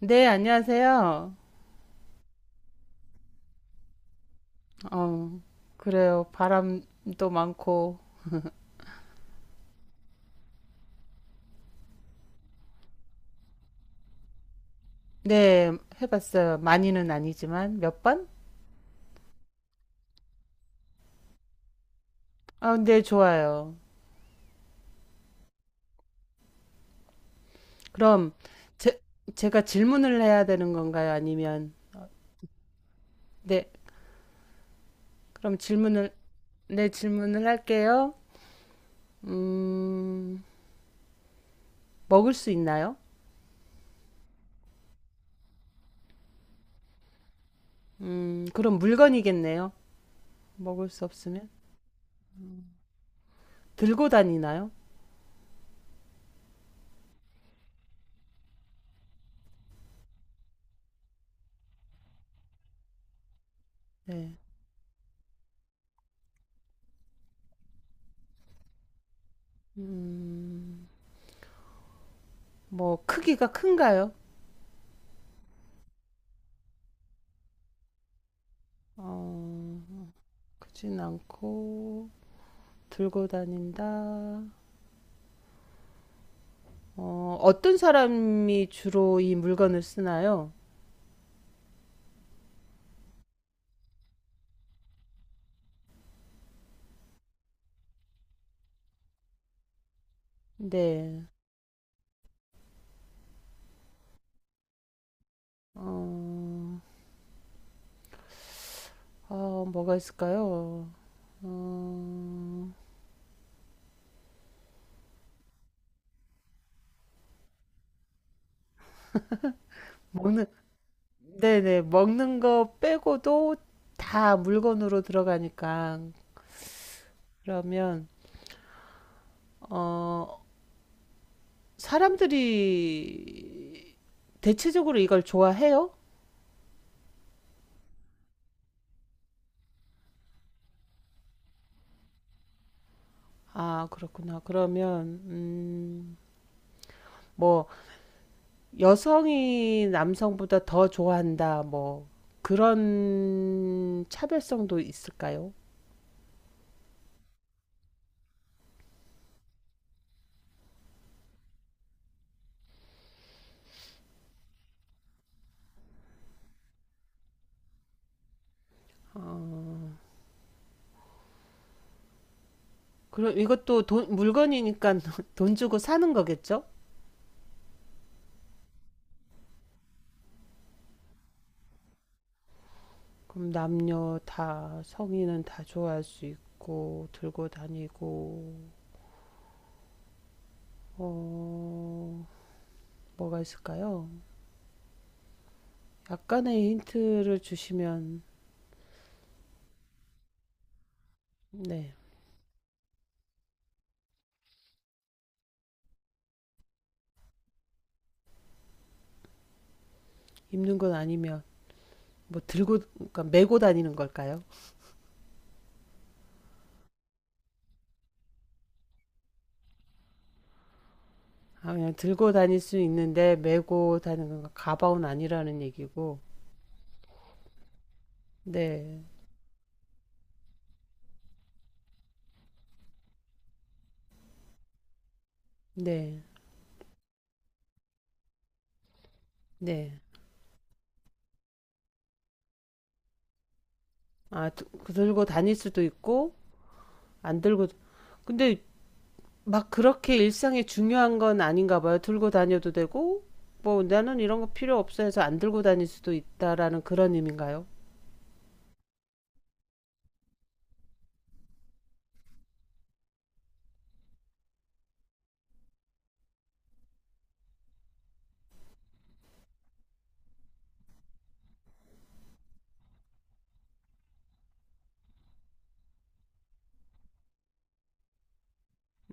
네, 안녕하세요. 어, 그래요. 바람도 많고. 네, 해봤어요. 많이는 아니지만 몇 번? 아, 네, 좋아요. 그럼 제, 제가 질문을 해야 되는 건가요? 아니면 네, 그럼 질문을. 네, 질문을 할게요. 음, 먹을 수 있나요? 그럼 물건이겠네요. 먹을 수 없으면 들고 다니나요? 네. 음, 뭐 크기가 큰가요? 어, 크진 않고 들고 다닌다. 어떤 사람이 주로 이 물건을 쓰나요? 네. 어, 뭐가 있을까요? 어, 먹는, 네네. 먹는 거 빼고도 다 물건으로 들어가니까. 그러면, 어, 사람들이 대체적으로 이걸 좋아해요? 아, 그렇구나. 그러면, 뭐, 여성이 남성보다 더 좋아한다, 뭐, 그런 차별성도 있을까요? 어, 그럼 이것도 돈, 물건이니까 돈 주고 사는 거겠죠? 그럼 남녀 다, 성인은 다 좋아할 수 있고, 들고 다니고, 어, 뭐가 있을까요? 약간의 힌트를 주시면, 네, 입는 건 아니면, 뭐, 들고, 그러니까 메고 다니는 걸까요? 아, 그냥 들고 다닐 수 있는데 메고 다니는 건 가방은 아니라는 얘기고. 네, 네, 네. 아, 그 들고 다닐 수도 있고, 안 들고. 근데 막 그렇게 일상에 중요한 건 아닌가 봐요. 들고 다녀도 되고, 뭐 나는 이런 거 필요 없어 해서 안 들고 다닐 수도 있다라는 그런 의미인가요?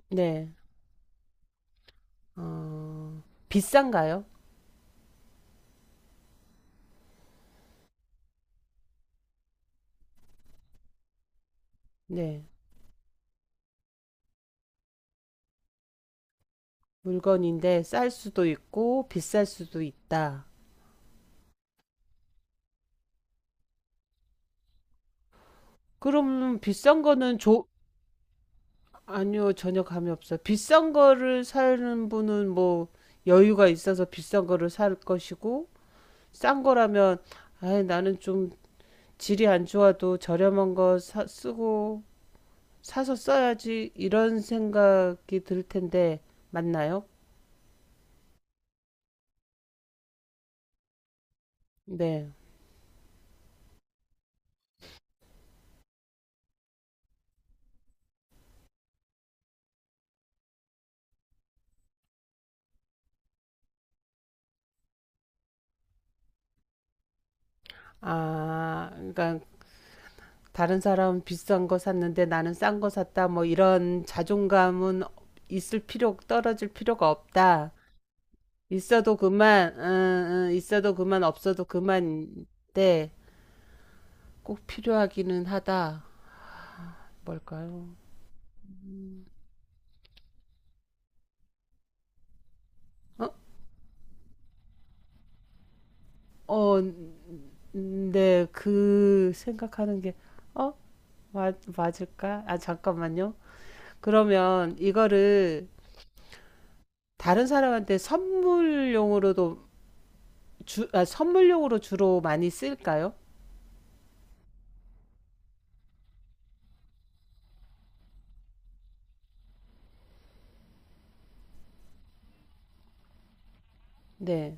네. 어, 비싼가요? 네. 물건인데 쌀 수도 있고, 비쌀 수도 있다. 그럼 비싼 거는. 아니요, 전혀 감이 없어요. 비싼 거를 사는 분은 뭐 여유가 있어서 비싼 거를 살 것이고, 싼 거라면, 아 나는 좀 질이 안 좋아도 저렴한 거 쓰고, 사서 써야지, 이런 생각이 들 텐데, 맞나요? 네. 아, 그러니까 다른 사람은 비싼 거 샀는데 나는 싼 거 샀다, 뭐 이런 자존감은 떨어질 필요가 없다. 있어도 그만, 음, 있어도 그만, 없어도 그만인데 꼭 필요하기는 하다. 뭘까요? 음, 어, 어, 네, 그 생각하는 게, 어, 맞을까? 아, 잠깐만요. 그러면 이거를 다른 사람한테 선물용으로도 선물용으로 주로 많이 쓸까요? 네.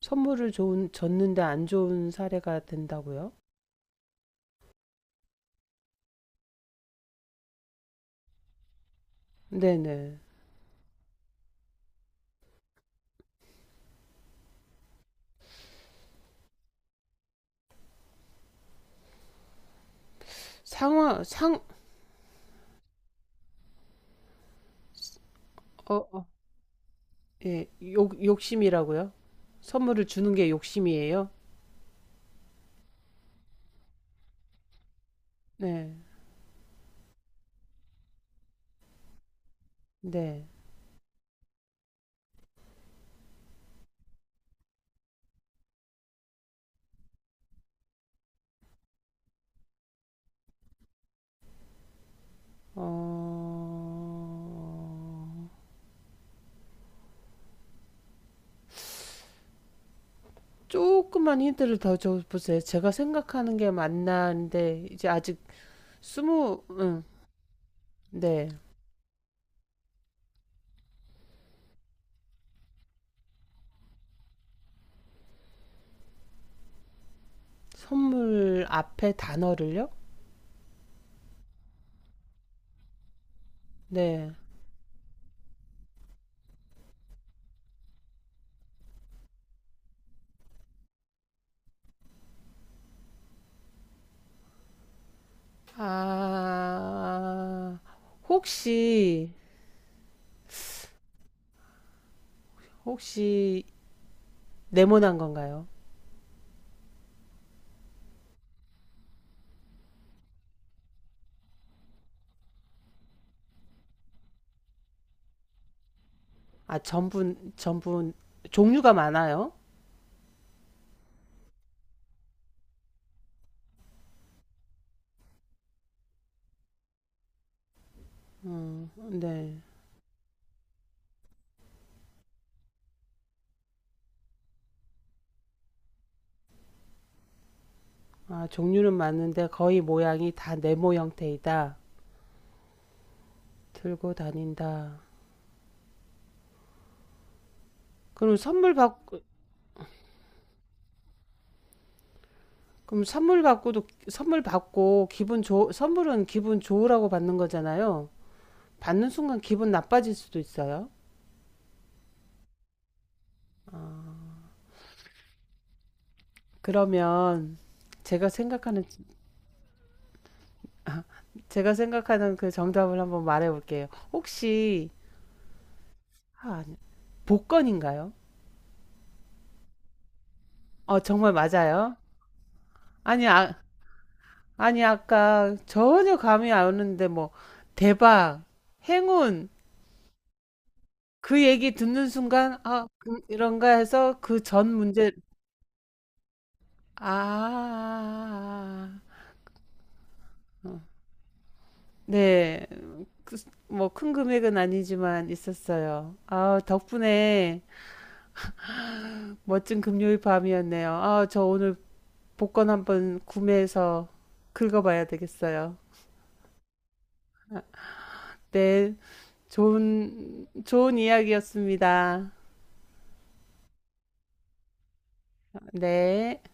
선물을 줬는데 안 좋은 사례가 된다고요? 네네. 상황, 상, 어, 예, 욕심이라고요? 선물을 주는 게 욕심이에요? 네, 네. 어, 조금만 힌트를 더 줘보세요. 제가 생각하는 게 맞나는데, 이제 아직 응, 네. 선물 앞에 단어를요? 네. 아, 혹시, 혹시 네모난 건가요? 아, 종류가 많아요? 네. 아, 종류는 맞는데 거의 모양이 다 네모 형태이다. 들고 다닌다. 그럼 선물 받 그럼 선물 받고도 선물은 기분 좋으라고 받는 거잖아요. 받는 순간 기분 나빠질 수도 있어요. 그러면 제가 생각하는 제가 생각하는 그 정답을 한번 말해 볼게요. 혹시 아, 복권인가요? 정말 맞아요. 아니 아, 아니 아까 전혀 감이 안 오는데 뭐 대박 행운 그 얘기 듣는 순간 아 이런가 해서 그 전 문제 아 아, 아, 아, 아. 어. 네. 그, 뭐큰 금액은 아니지만 있었어요. 아 덕분에 멋진 금요일 밤이었네요. 아 저 오늘 복권 한번 구매해서 긁어봐야 되겠어요. 아, 네. 좋은 좋은 이야기였습니다. 네.